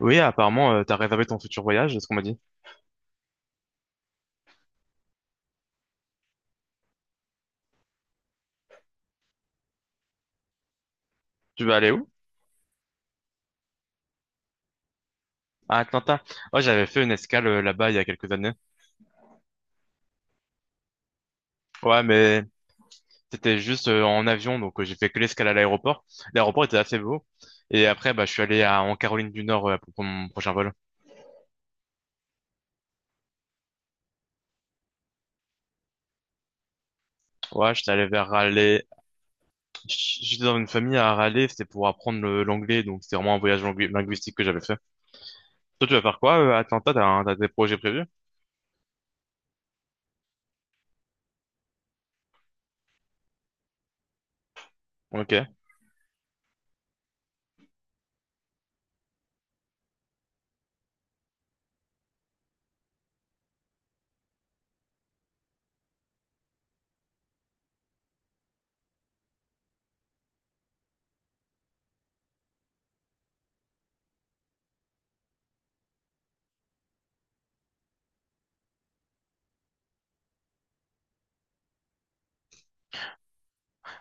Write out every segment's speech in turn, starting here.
Oui, apparemment, t'as réservé ton futur voyage, c'est ce qu'on m'a dit. Tu vas aller où? À Atlanta. Ouais, j'avais fait une escale là-bas il y a quelques années. Ouais, mais c'était juste en avion, donc j'ai fait que l'escale à l'aéroport. L'aéroport était assez beau. Et après, bah, je suis allé à, en Caroline du Nord pour prendre mon prochain vol. Ouais, j'étais allé vers Raleigh. J'étais dans une famille à Raleigh, c'était pour apprendre l'anglais, donc c'était vraiment un voyage linguistique que j'avais fait. Toi, tu vas faire quoi à Atlanta? T'as des projets prévus? Ok.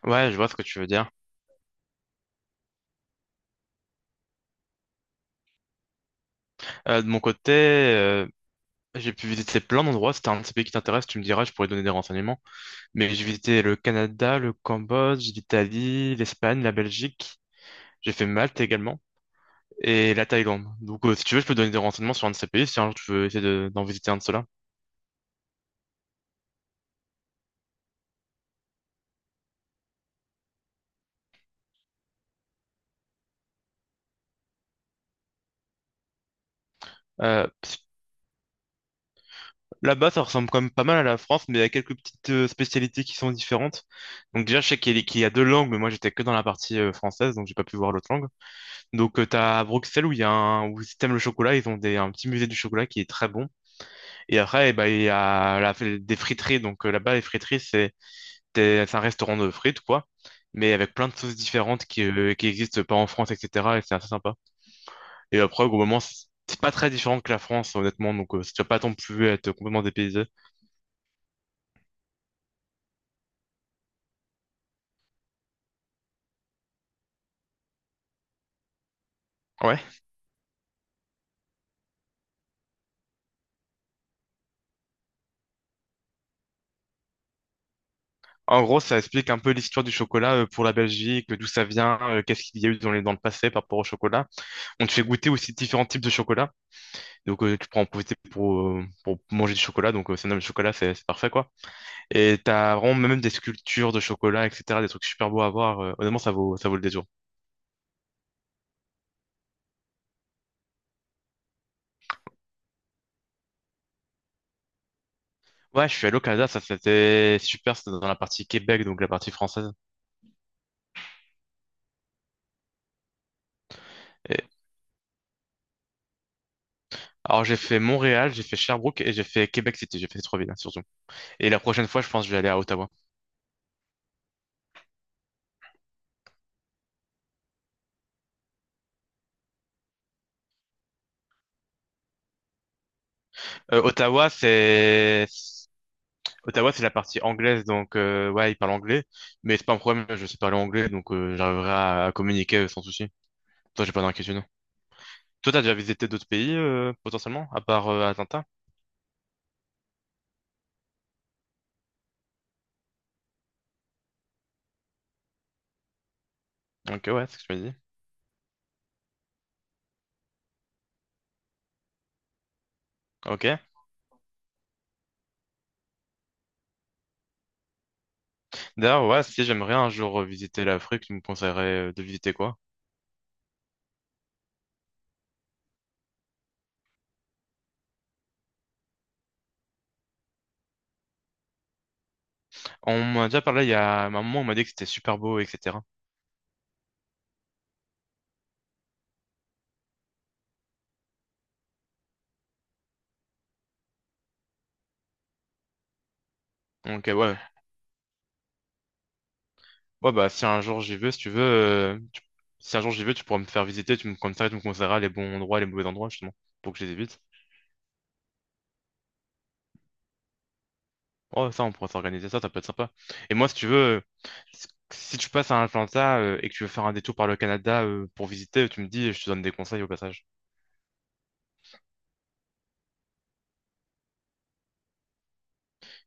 Ouais, je vois ce que tu veux dire. De mon côté, j'ai pu visiter plein d'endroits. Si t'as un de ces pays qui t'intéresse, tu me diras, je pourrais donner des renseignements. Mais j'ai visité le Canada, le Cambodge, l'Italie, l'Espagne, la Belgique. J'ai fait Malte également. Et la Thaïlande. Donc, si tu veux, je peux donner des renseignements sur un de ces pays si un jour tu veux essayer d'en visiter un de ceux-là. Parce que là-bas, ça ressemble quand même pas mal à la France, mais il y a quelques petites spécialités qui sont différentes. Donc, déjà, je sais qu'il y a deux langues, mais moi, j'étais que dans la partie française, donc j'ai pas pu voir l'autre langue. Donc, t'as à Bruxelles où il y a où si t'aimes le chocolat, ils ont un petit musée du chocolat qui est très bon. Et après, eh ben, il y a des friteries. Donc là-bas, les friteries, c'est c'est un restaurant de frites, quoi. Mais avec plein de sauces différentes qui existent pas en France, etc. Et c'est assez sympa. Et après, globalement, c'est pas très différent que la France, honnêtement. Donc tu vas pas non plus être complètement dépaysé. Ouais. En gros, ça explique un peu l'histoire du chocolat pour la Belgique, d'où ça vient, qu'est-ce qu'il y a eu dans dans le passé par rapport au chocolat. On te fait goûter aussi différents types de chocolat. Donc tu prends en profiter pour manger du chocolat. Donc ça nomme le chocolat, c'est parfait, quoi. Et t'as vraiment même des sculptures de chocolat, etc. Des trucs super beaux à voir. Honnêtement, ça vaut le détour. Ouais, je suis allé au Canada, ça c'était super. C'était dans la partie Québec, donc la partie française. Et- Alors j'ai fait Montréal, j'ai fait Sherbrooke et j'ai fait Québec City. J'ai fait ces trois villes, hein, surtout. Et la prochaine fois, je pense que je vais aller à Ottawa. Euh, Ottawa, c'est... Ottawa, c'est la partie anglaise, donc ouais, ils parlent anglais, mais c'est pas un problème, je sais parler anglais, donc j'arriverai à communiquer sans souci. Toi, j'ai pas d'inquiétude. Toi, t'as déjà visité d'autres pays, potentiellement, à part Atlanta? Ok, ouais, c'est ce que je me dis. Ok. D'ailleurs, ouais, si j'aimerais un jour visiter l'Afrique, tu me conseillerais de visiter quoi? On m'a déjà parlé il y a un moment, on m'a dit que c'était super beau, etc. Donc ouais, bah si un jour j'y veux, si tu veux, si un jour j'y veux, tu pourras me faire visiter, tu me comme ça, tu me conseilleras les bons endroits, les mauvais endroits justement, pour que je les évite. Oh, ça, on pourrait s'organiser ça, ça peut être sympa. Et moi, si tu veux, si tu passes à Atlanta et que tu veux faire un détour par le Canada pour visiter, tu me dis et je te donne des conseils au passage.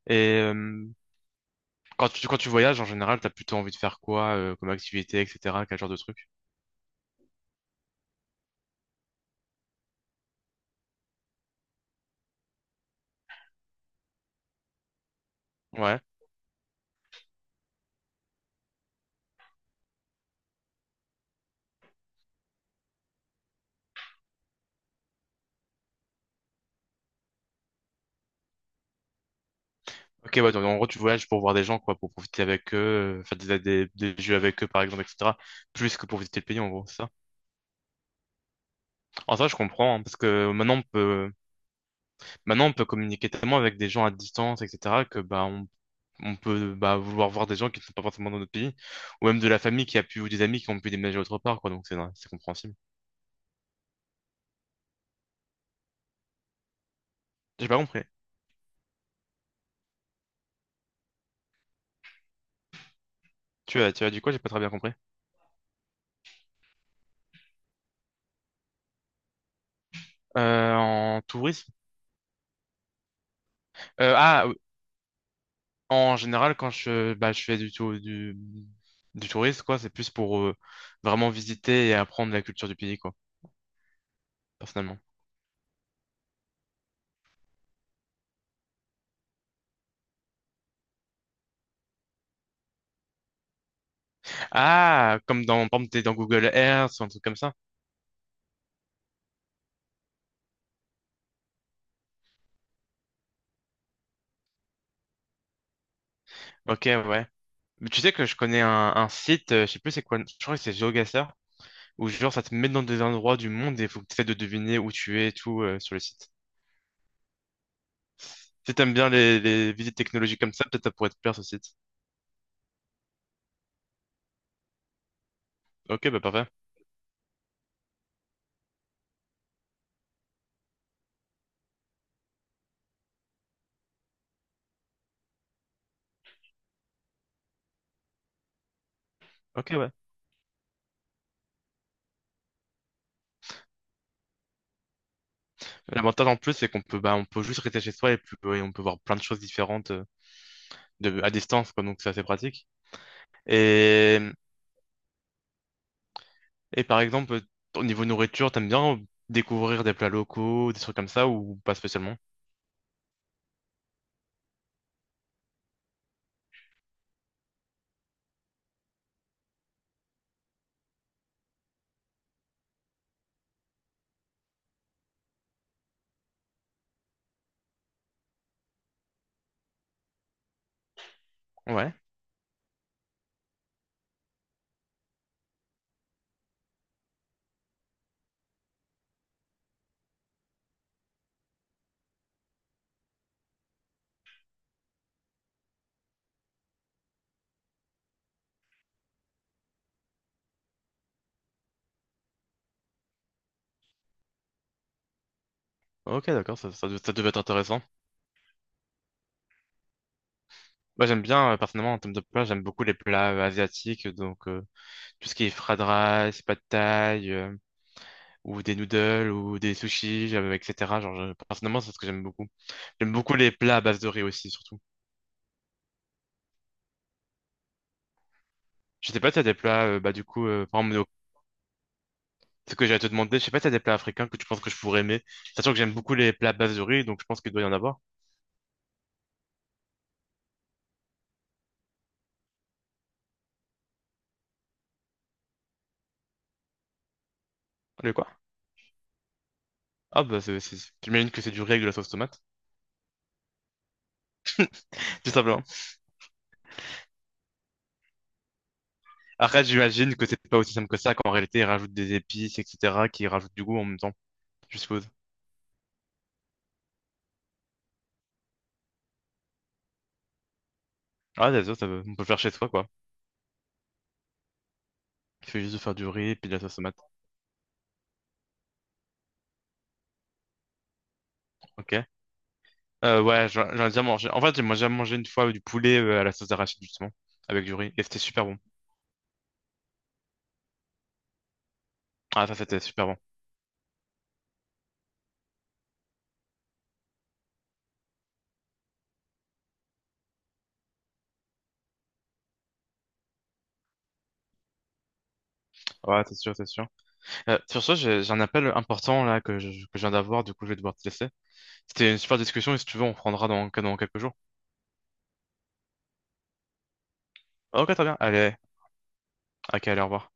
Et quand tu voyages, en général, t'as plutôt envie de faire quoi comme activité, etc. Quel genre de truc? Ouais. Ok, ouais, donc, en gros, tu voyages pour voir des gens, quoi, pour profiter avec eux, faire des jeux avec eux, par exemple, etc. Plus que pour visiter le pays, en gros, c'est ça. En ça, je comprends, hein, parce que maintenant, on peut communiquer tellement avec des gens à distance, etc., que, bah, on peut bah, vouloir voir des gens qui ne sont pas forcément dans notre pays, ou même de la famille qui a pu, ou des amis qui ont pu déménager autre part, quoi, donc c'est compréhensible. J'ai pas compris. Tu as dit quoi? J'ai pas très bien compris. En tourisme? Oui. En général, je fais du tourisme, quoi, c'est plus pour vraiment visiter et apprendre la culture du pays, quoi, personnellement. Ah, comme dans, par exemple, t'es dans Google Earth ou un truc comme ça. Ok, ouais. Mais tu sais que je connais un site, je sais plus c'est quoi, je crois que c'est GeoGuessr. Où genre ça te met dans des endroits du monde et faut que tu essaies de deviner où tu es et tout sur le site. Si t'aimes bien les visites technologiques comme ça, peut-être ça pourrait te plaire ce site. Ok, bah parfait. Ok, ouais. L'avantage en plus, c'est on peut juste rester chez soi et on peut voir plein de choses différentes à distance, quoi, donc c'est assez pratique. Et, et par exemple, au niveau nourriture, t'aimes bien découvrir des plats locaux, des trucs comme ça ou pas spécialement? Ouais. Ok, d'accord, ça devait être intéressant. Moi, j'aime bien, personnellement, en termes de plats, j'aime beaucoup les plats asiatiques. Donc tout ce qui est fried rice, pad thai, ou des noodles, ou des sushis, etc. Personnellement, c'est ce que j'aime beaucoup. J'aime beaucoup les plats à base de riz aussi, surtout. Je sais pas si t'as des plats, par exemple, ce que j'allais te demander, je sais pas si t'as des plats africains que tu penses que je pourrais aimer. Sachant que j'aime beaucoup les plats à base de riz, donc je pense qu'il doit y en avoir. Le quoi? Ah, bah, j'imagine que c'est du riz avec de la sauce tomate, tout simplement. Après, j'imagine que c'est pas aussi simple que ça, qu'en réalité, ils rajoutent des épices, etc., qui rajoutent du goût en même temps, je suppose. Ah, d'accord, on peut le faire chez soi, quoi. Il faut juste faire du riz et puis de la sauce tomate. Ok. Ouais, j'en ai déjà mangé. En fait, moi, j'ai déjà mangé une fois du poulet à la sauce d'arachide, justement, avec du riz. Et c'était super bon. Ah, ça, c'était super bon. Ouais, c'est sûr, c'est sûr. Sur ce, j'ai un appel important, là, que je viens d'avoir. Du coup, je vais devoir te laisser. C'était une super discussion et si tu veux, on prendra dans quelques jours. Ok, très bien. Allez, au revoir.